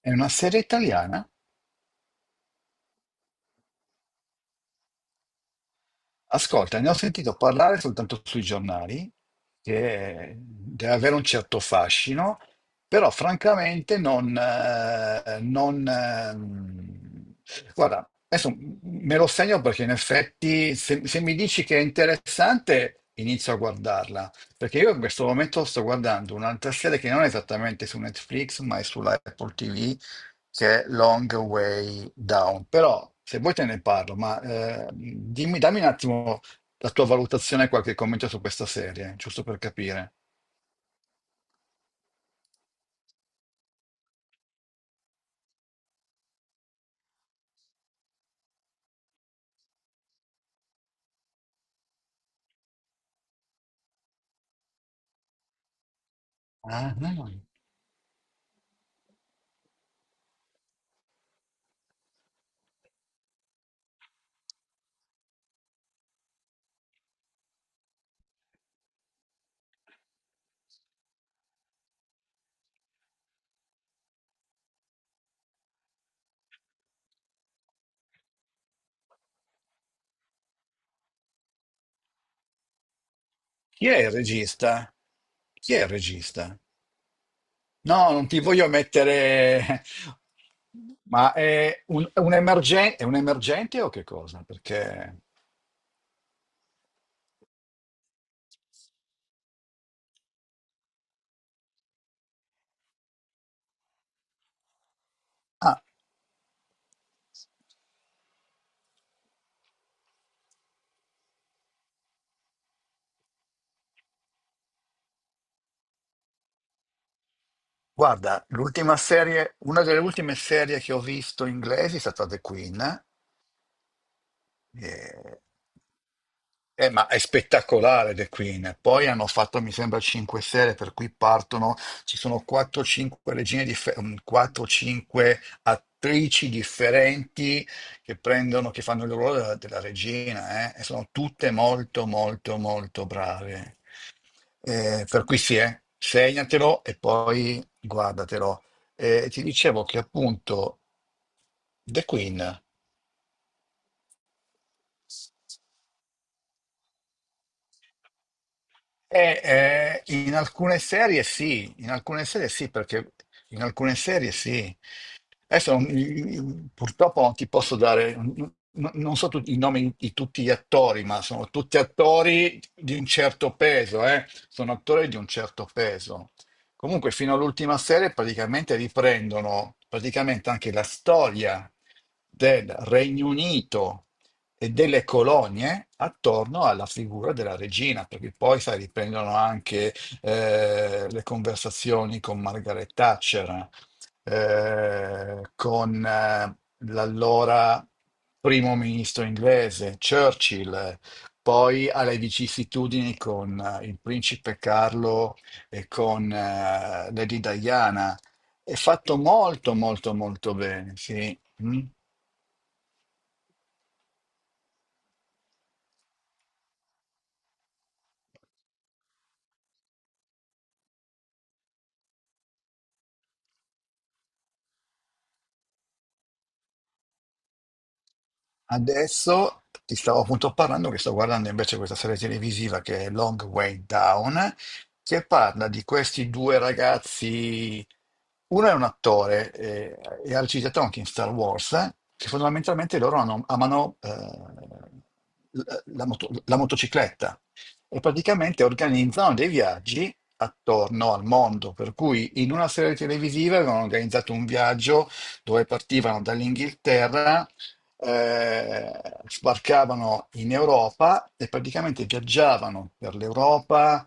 È una serie italiana? Ascolta, ne ho sentito parlare soltanto sui giornali, che deve avere un certo fascino, però francamente non, guarda, adesso me lo segno perché in effetti se mi dici che è interessante, inizio a guardarla, perché io in questo momento sto guardando un'altra serie che non è esattamente su Netflix, ma è sulla Apple TV, che è Long Way Down. Però se vuoi te ne parlo, ma dimmi, dammi un attimo la tua valutazione e qualche commento su questa serie, giusto per capire. Ah, no, no. Chi è il regista? Chi è il regista? No, non ti voglio mettere... Ma è è un è un emergente o che cosa? Perché... Ah, guarda, l'ultima serie, una delle ultime serie che ho visto inglesi è stata The Queen. Eh, ma è spettacolare The Queen. Poi hanno fatto, mi sembra, cinque serie, per cui partono, ci sono 4-5 4-5 attrici differenti che prendono, che fanno il ruolo della regina. Eh, E sono tutte molto, molto, molto brave. Per cui sì, segnatelo e poi guardatelo. Ti dicevo che appunto The Queen. In alcune serie sì, in alcune serie sì, perché in alcune serie sì. Adesso purtroppo non ti posso dare, non so tutti i nomi di tutti gli attori, ma sono tutti attori di un certo peso, eh? Sono attori di un certo peso. Comunque fino all'ultima serie praticamente riprendono praticamente anche la storia del Regno Unito e delle colonie attorno alla figura della regina, perché poi, sai, riprendono anche le conversazioni con Margaret Thatcher, con l'allora primo ministro inglese Churchill, poi alle vicissitudini con il principe Carlo e con Lady Diana. È fatto molto, molto, molto bene, sì. Mm. Adesso ti stavo appunto parlando che sto guardando invece questa serie televisiva che è Long Way Down, che parla di questi due ragazzi. Uno è un attore e ha recitato anche in Star Wars, che fondamentalmente amano la motocicletta e praticamente organizzano dei viaggi attorno al mondo, per cui in una serie televisiva avevano organizzato un viaggio dove partivano dall'Inghilterra, eh, sbarcavano in Europa e praticamente viaggiavano per l'Europa,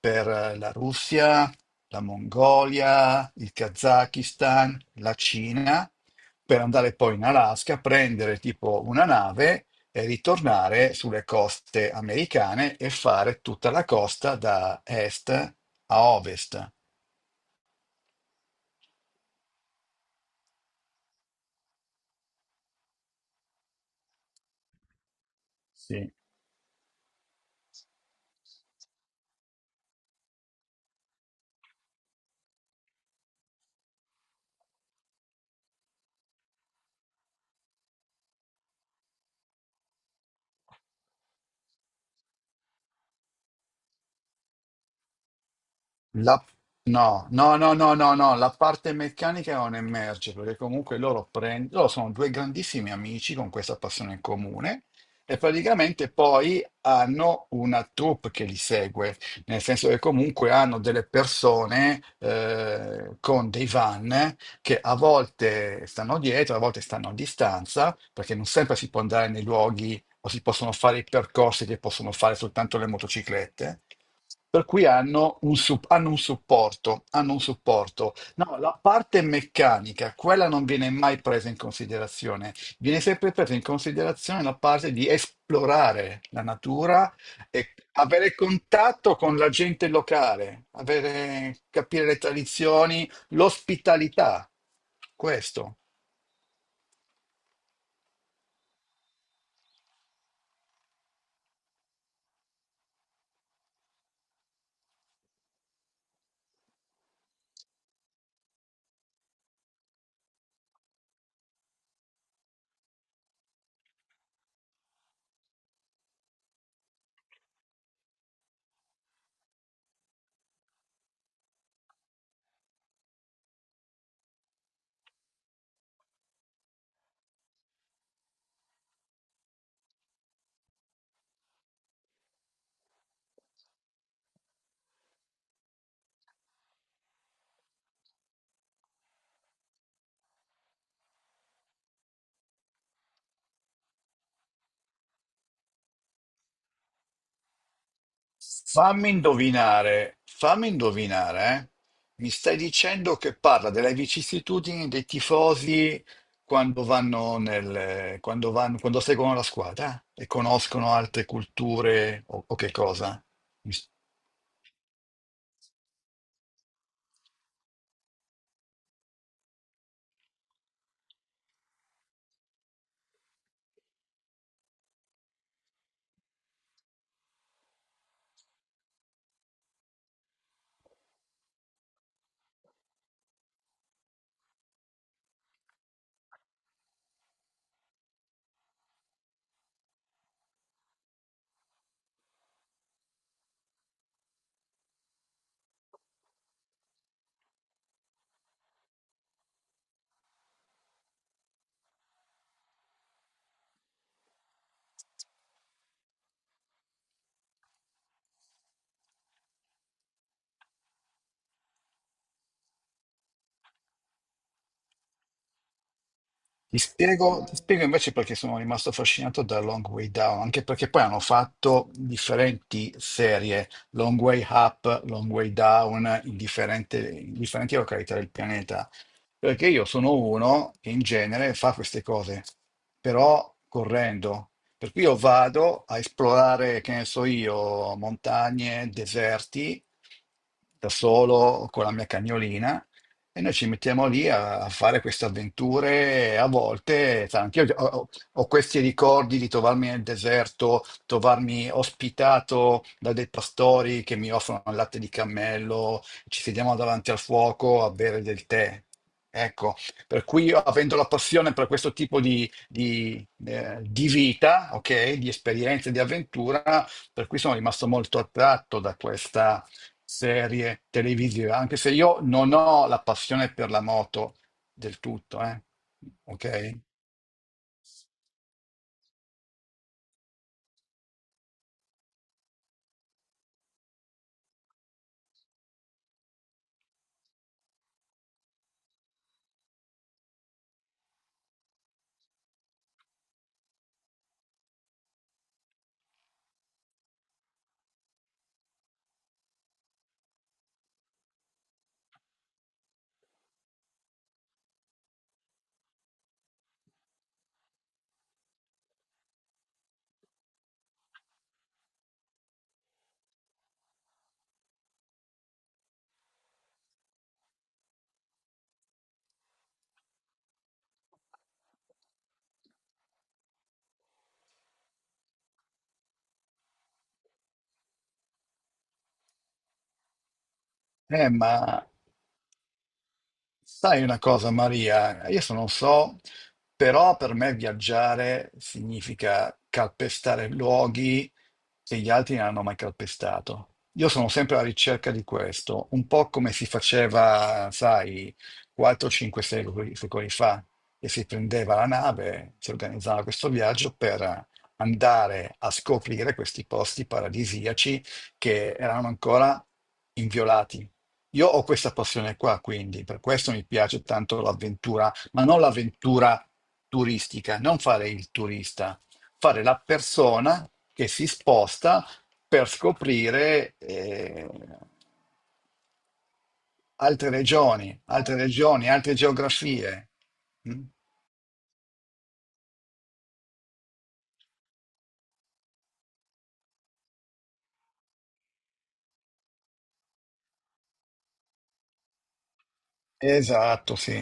per la Russia, la Mongolia, il Kazakistan, la Cina, per andare poi in Alaska, prendere tipo una nave e ritornare sulle coste americane e fare tutta la costa da est a ovest. Sì. La- No, no, no, no, no, no, la parte meccanica non emerge perché comunque loro sono due grandissimi amici con questa passione in comune e praticamente poi hanno una troupe che li segue, nel senso che comunque hanno delle persone con dei van che a volte stanno dietro, a volte stanno a distanza, perché non sempre si può andare nei luoghi o si possono fare i percorsi che possono fare soltanto le motociclette. Per cui hanno un supporto, hanno un supporto. No, la parte meccanica, quella non viene mai presa in considerazione. Viene sempre presa in considerazione la parte di esplorare la natura e avere contatto con la gente locale, capire le tradizioni, l'ospitalità. Questo. Fammi indovinare, eh? Mi stai dicendo che parla delle vicissitudini dei tifosi quando vanno nel, quando vanno, quando seguono la squadra e conoscono altre culture o che cosa? Ti spiego invece perché sono rimasto affascinato da Long Way Down, anche perché poi hanno fatto differenti serie, Long Way Up, Long Way Down, in differenti località del pianeta. Perché io sono uno che in genere fa queste cose, però correndo. Per cui io vado a esplorare, che ne so io, montagne, deserti, da solo con la mia cagnolina e noi ci mettiamo lì a fare queste avventure, a volte, sai, ho questi ricordi di trovarmi nel deserto, trovarmi ospitato da dei pastori che mi offrono il latte di cammello, ci sediamo davanti al fuoco a bere del tè. Ecco, per cui io avendo la passione per questo tipo di vita, ok, di esperienze, di avventura, per cui sono rimasto molto attratto da questa serie televisive, anche se io non ho la passione per la moto del tutto, ok? Ma sai una cosa, Maria, io se non so, però per me viaggiare significa calpestare luoghi che gli altri non hanno mai calpestato. Io sono sempre alla ricerca di questo, un po' come si faceva, sai, 4, 5 secoli, secoli fa, che si prendeva la nave, si organizzava questo viaggio per andare a scoprire questi posti paradisiaci che erano ancora inviolati. Io ho questa passione qua, quindi per questo mi piace tanto l'avventura, ma non l'avventura turistica, non fare il turista, fare la persona che si sposta per scoprire altre regioni, altre regioni, altre geografie. Mm? Esatto, sì.